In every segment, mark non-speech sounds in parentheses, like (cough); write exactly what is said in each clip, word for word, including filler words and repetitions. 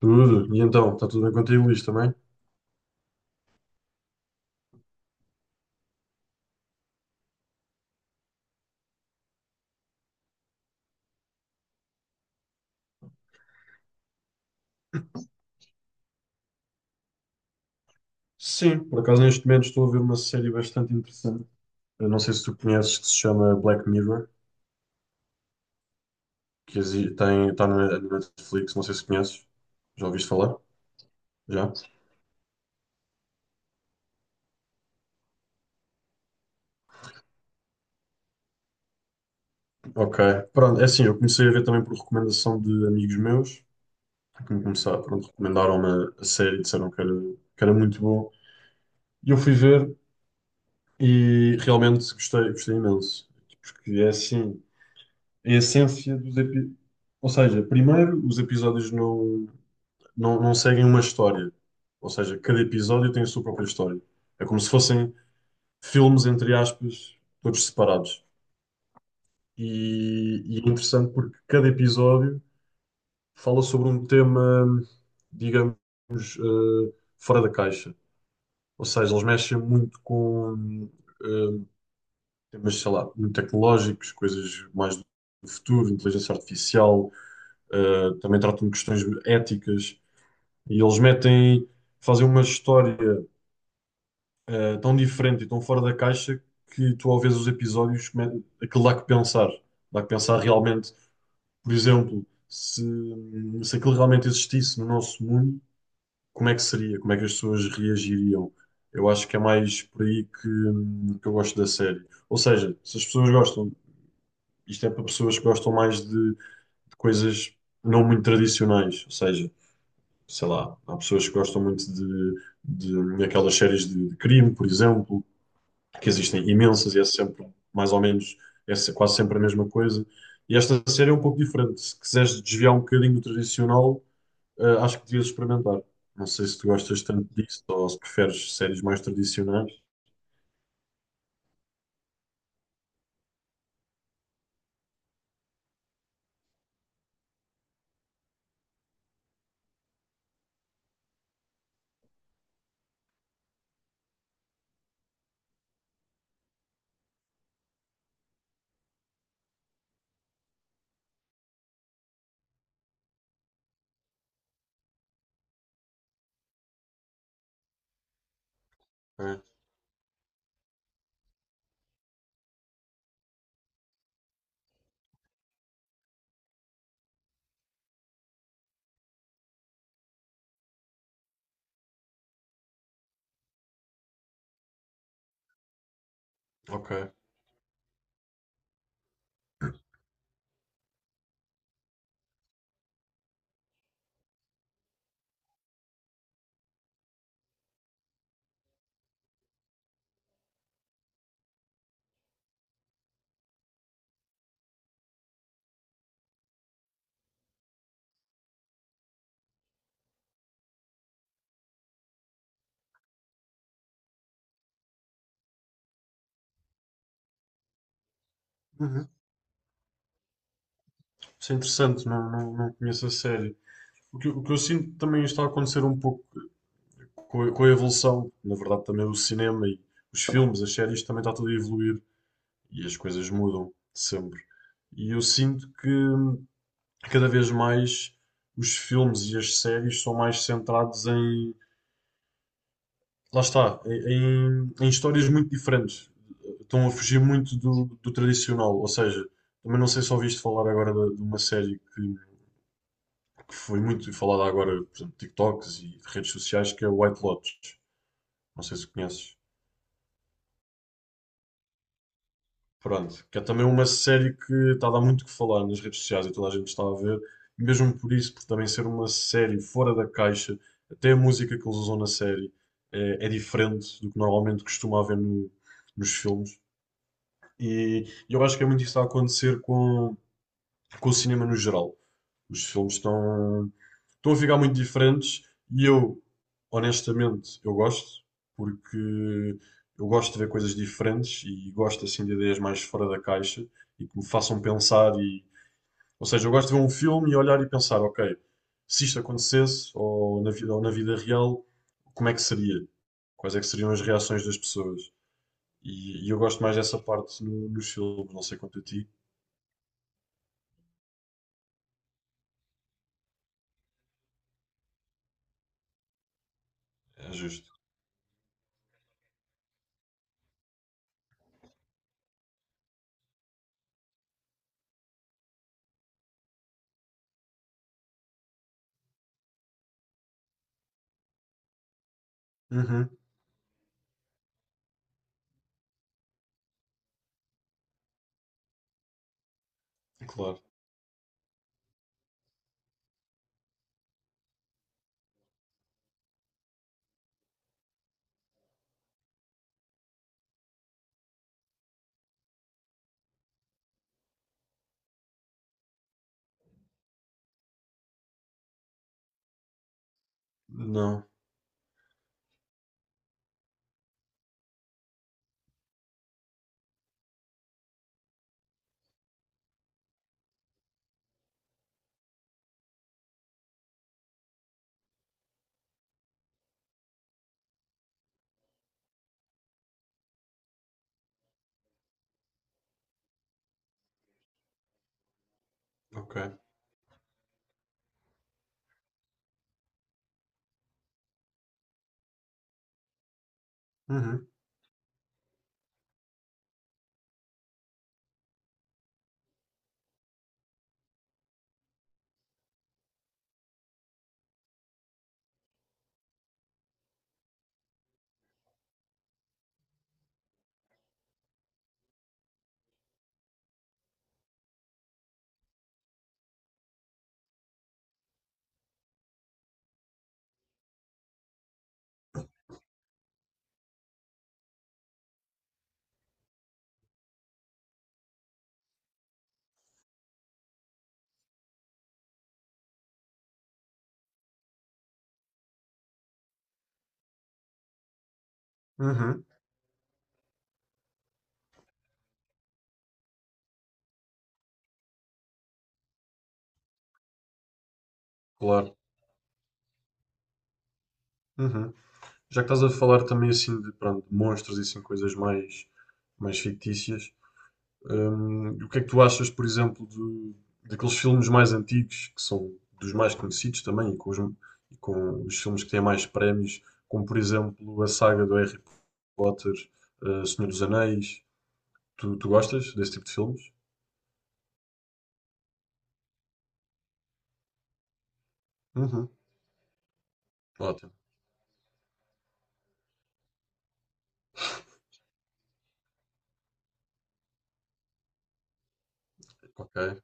Tudo. E então, está tudo bem contigo, Luís, também? Sim, por acaso neste momento estou a ver uma série bastante interessante. Eu não sei se tu conheces, que se chama Black Mirror, que exi- tem, está na na Netflix, não sei se conheces. Já ouviste falar? Já? Ok. Pronto, é assim, eu comecei a ver também por recomendação de amigos meus, que me começaram, pronto, recomendaram-me a série, disseram que era, que era muito bom. E eu fui ver e realmente gostei, gostei imenso. Porque é assim, a essência dos episódios. Ou seja, primeiro, os episódios não, não, não seguem uma história. Ou seja, cada episódio tem a sua própria história. É como se fossem filmes, entre aspas, todos separados. E, e é interessante porque cada episódio fala sobre um tema, digamos, eh, fora da caixa. Ou seja, eles mexem muito com eh, temas, sei lá, muito tecnológicos, coisas mais do futuro, inteligência artificial. Uh, também tratam de questões éticas e eles metem, fazem uma história uh, tão diferente e tão fora da caixa que tu ao ver os episódios me- aquilo dá que pensar, dá que pensar realmente. Por exemplo, se, se aquilo realmente existisse no nosso mundo, como é que seria? Como é que as pessoas reagiriam? Eu acho que é mais por aí que, hum, que eu gosto da série. Ou seja, se as pessoas gostam, isto é para pessoas que gostam mais de, de coisas não muito tradicionais. Ou seja, sei lá, há pessoas que gostam muito de, de, daquelas séries de, de crime, por exemplo, que existem imensas e é sempre mais ou menos, é se- quase sempre a mesma coisa. E esta série é um pouco diferente. Se quiseres desviar um bocadinho do tradicional, eh, acho que devias experimentar. Não sei se tu gostas tanto disso ou se preferes séries mais tradicionais. É, ok. Uhum. Isso é interessante, não, não, não conheço a série. O que, o que eu sinto que também está a acontecer um pouco com a, com a evolução, na verdade, também o cinema e os filmes, as séries, também está tudo a evoluir e as coisas mudam sempre. E eu sinto que hum, cada vez mais os filmes e as séries são mais centrados em, lá está, em, em histórias muito diferentes. Estão a fugir muito do, do tradicional. Ou seja, também não sei se ouviste falar agora de, de uma série que, que foi muito falada agora, por exemplo, TikToks e redes sociais, que é White Lotus. Não sei se conheces. Pronto, que é também uma série que está a dar muito o que falar nas redes sociais e toda a gente está a ver, e mesmo por isso, por também ser uma série fora da caixa, até a música que eles usam na série é, é diferente do que normalmente costuma haver no- nos filmes. E eu acho que é muito isso a acontecer com, com o cinema no geral. Os filmes estão, estão a ficar muito diferentes e eu, honestamente, eu gosto, porque eu gosto de ver coisas diferentes e gosto assim de ideias mais fora da caixa e que me façam pensar e, ou seja, eu gosto de ver um filme e olhar e pensar, ok, se isto acontecesse ou na vida, ou na vida real, como é que seria? Quais é que seriam as reações das pessoas? E, e eu gosto mais dessa parte no- nos filmes, não sei quanto a ti, é justo. Uhum, claro. Não, ok. Uhum. Uhum, claro. Uhum. Já que estás a falar também assim de, pronto, de monstros e assim coisas mais, mais fictícias, hum, o que é que tu achas, por exemplo, de, daqueles filmes mais antigos, que são dos mais conhecidos também, e com os, e com os filmes que têm mais prémios, como por exemplo a saga do Harry Potter, eh, Senhor dos Anéis. Tu, tu gostas desse tipo de filmes? Uhum. Ótimo. Ok.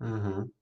Uhum.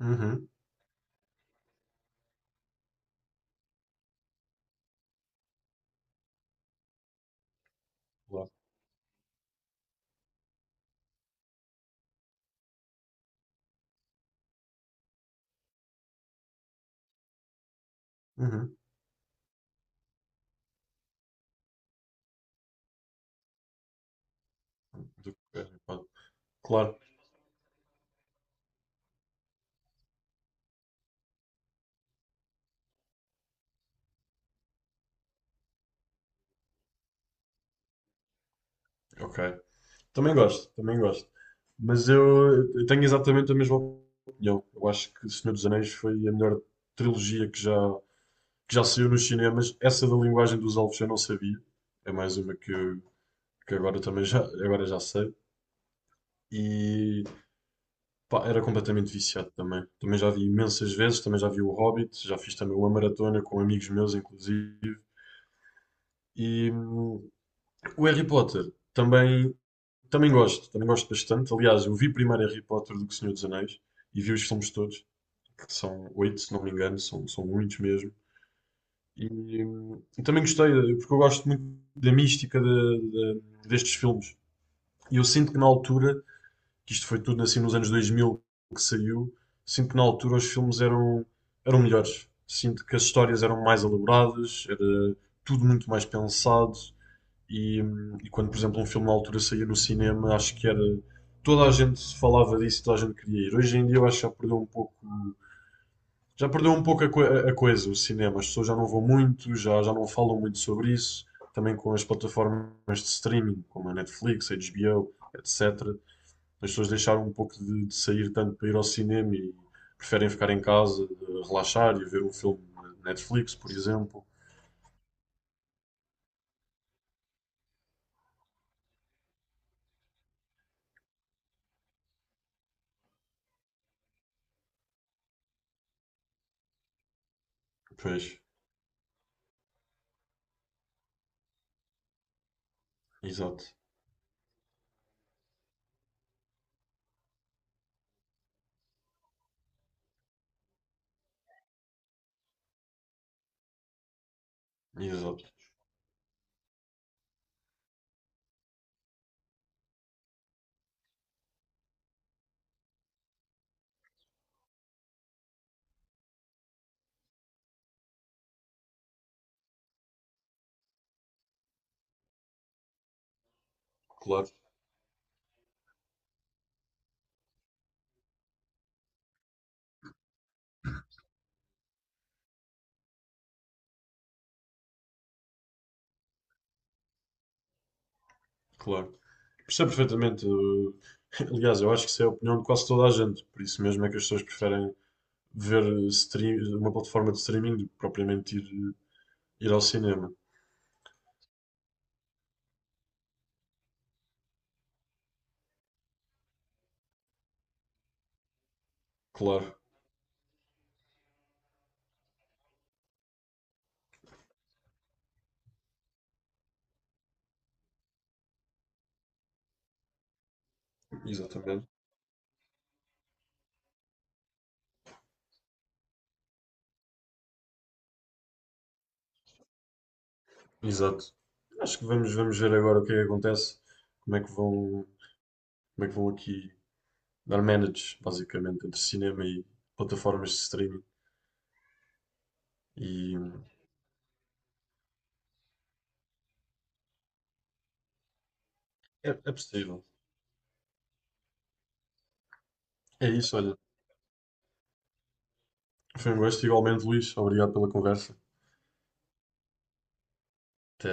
Uhum. Claro. Uhum. Do claro. Ok. Também gosto, também gosto. Mas eu, eu tenho exatamente a mesma opinião. Eu acho que Senhor dos Anéis foi a melhor trilogia que já, que já saiu nos cinemas. Essa da linguagem dos elfos eu não sabia. É mais uma que, eu- que agora também já, agora já sei. E pá, era completamente viciado também. Também já vi imensas vezes, também já vi o Hobbit, já fiz também uma maratona com amigos meus, inclusive. E hum, o Harry Potter também, também gosto, também gosto bastante. Aliás, eu vi primeiro Harry Potter do que Senhor dos Anéis e vi os filmes todos, que são oito, se não me engano, são, são muitos mesmo. E, hum, também gostei, porque eu gosto muito da mística de- de- destes filmes. E eu sinto que na altura, que isto foi tudo assim nos anos dois mil que saiu, sinto que na altura os filmes eram, eram melhores. Sinto que as histórias eram mais elaboradas, era tudo muito mais pensado. E, hum, e quando, por exemplo, um filme na altura saía no cinema, acho que era. Toda a gente falava disso, toda a gente queria ir. Hoje em dia eu acho que já perdeu um pouco. Já perdeu um pouco a, co- a- coisa, o cinema. As pessoas já não vão muito, já, já não falam muito sobre isso. Também com as plataformas de streaming, como a Netflix, a H B O, etecetera. As pessoas deixaram um pouco de, de sair tanto para ir ao cinema e preferem ficar em casa, eh, relaxar e ver um filme na Netflix, por exemplo. Pois, exato, exato. Claro, claro. Percebo perfeitamente. Eu- (laughs) Aliás, eu acho que isso é a opinião de quase toda a gente. Por isso mesmo é que as pessoas preferem ver eh, stream- uma plataforma de streaming do que propriamente ir, eh, ir ao cinema. Claro, exatamente. Exato. Acho que vamos, vamos ver agora o que é que acontece, como é que vão, como é que vão aqui dar manage, basicamente, entre cinema e plataformas de streaming. E é, é possível. É isso, olha. Foi um gosto igualmente, Luís. Obrigado pela conversa. Até.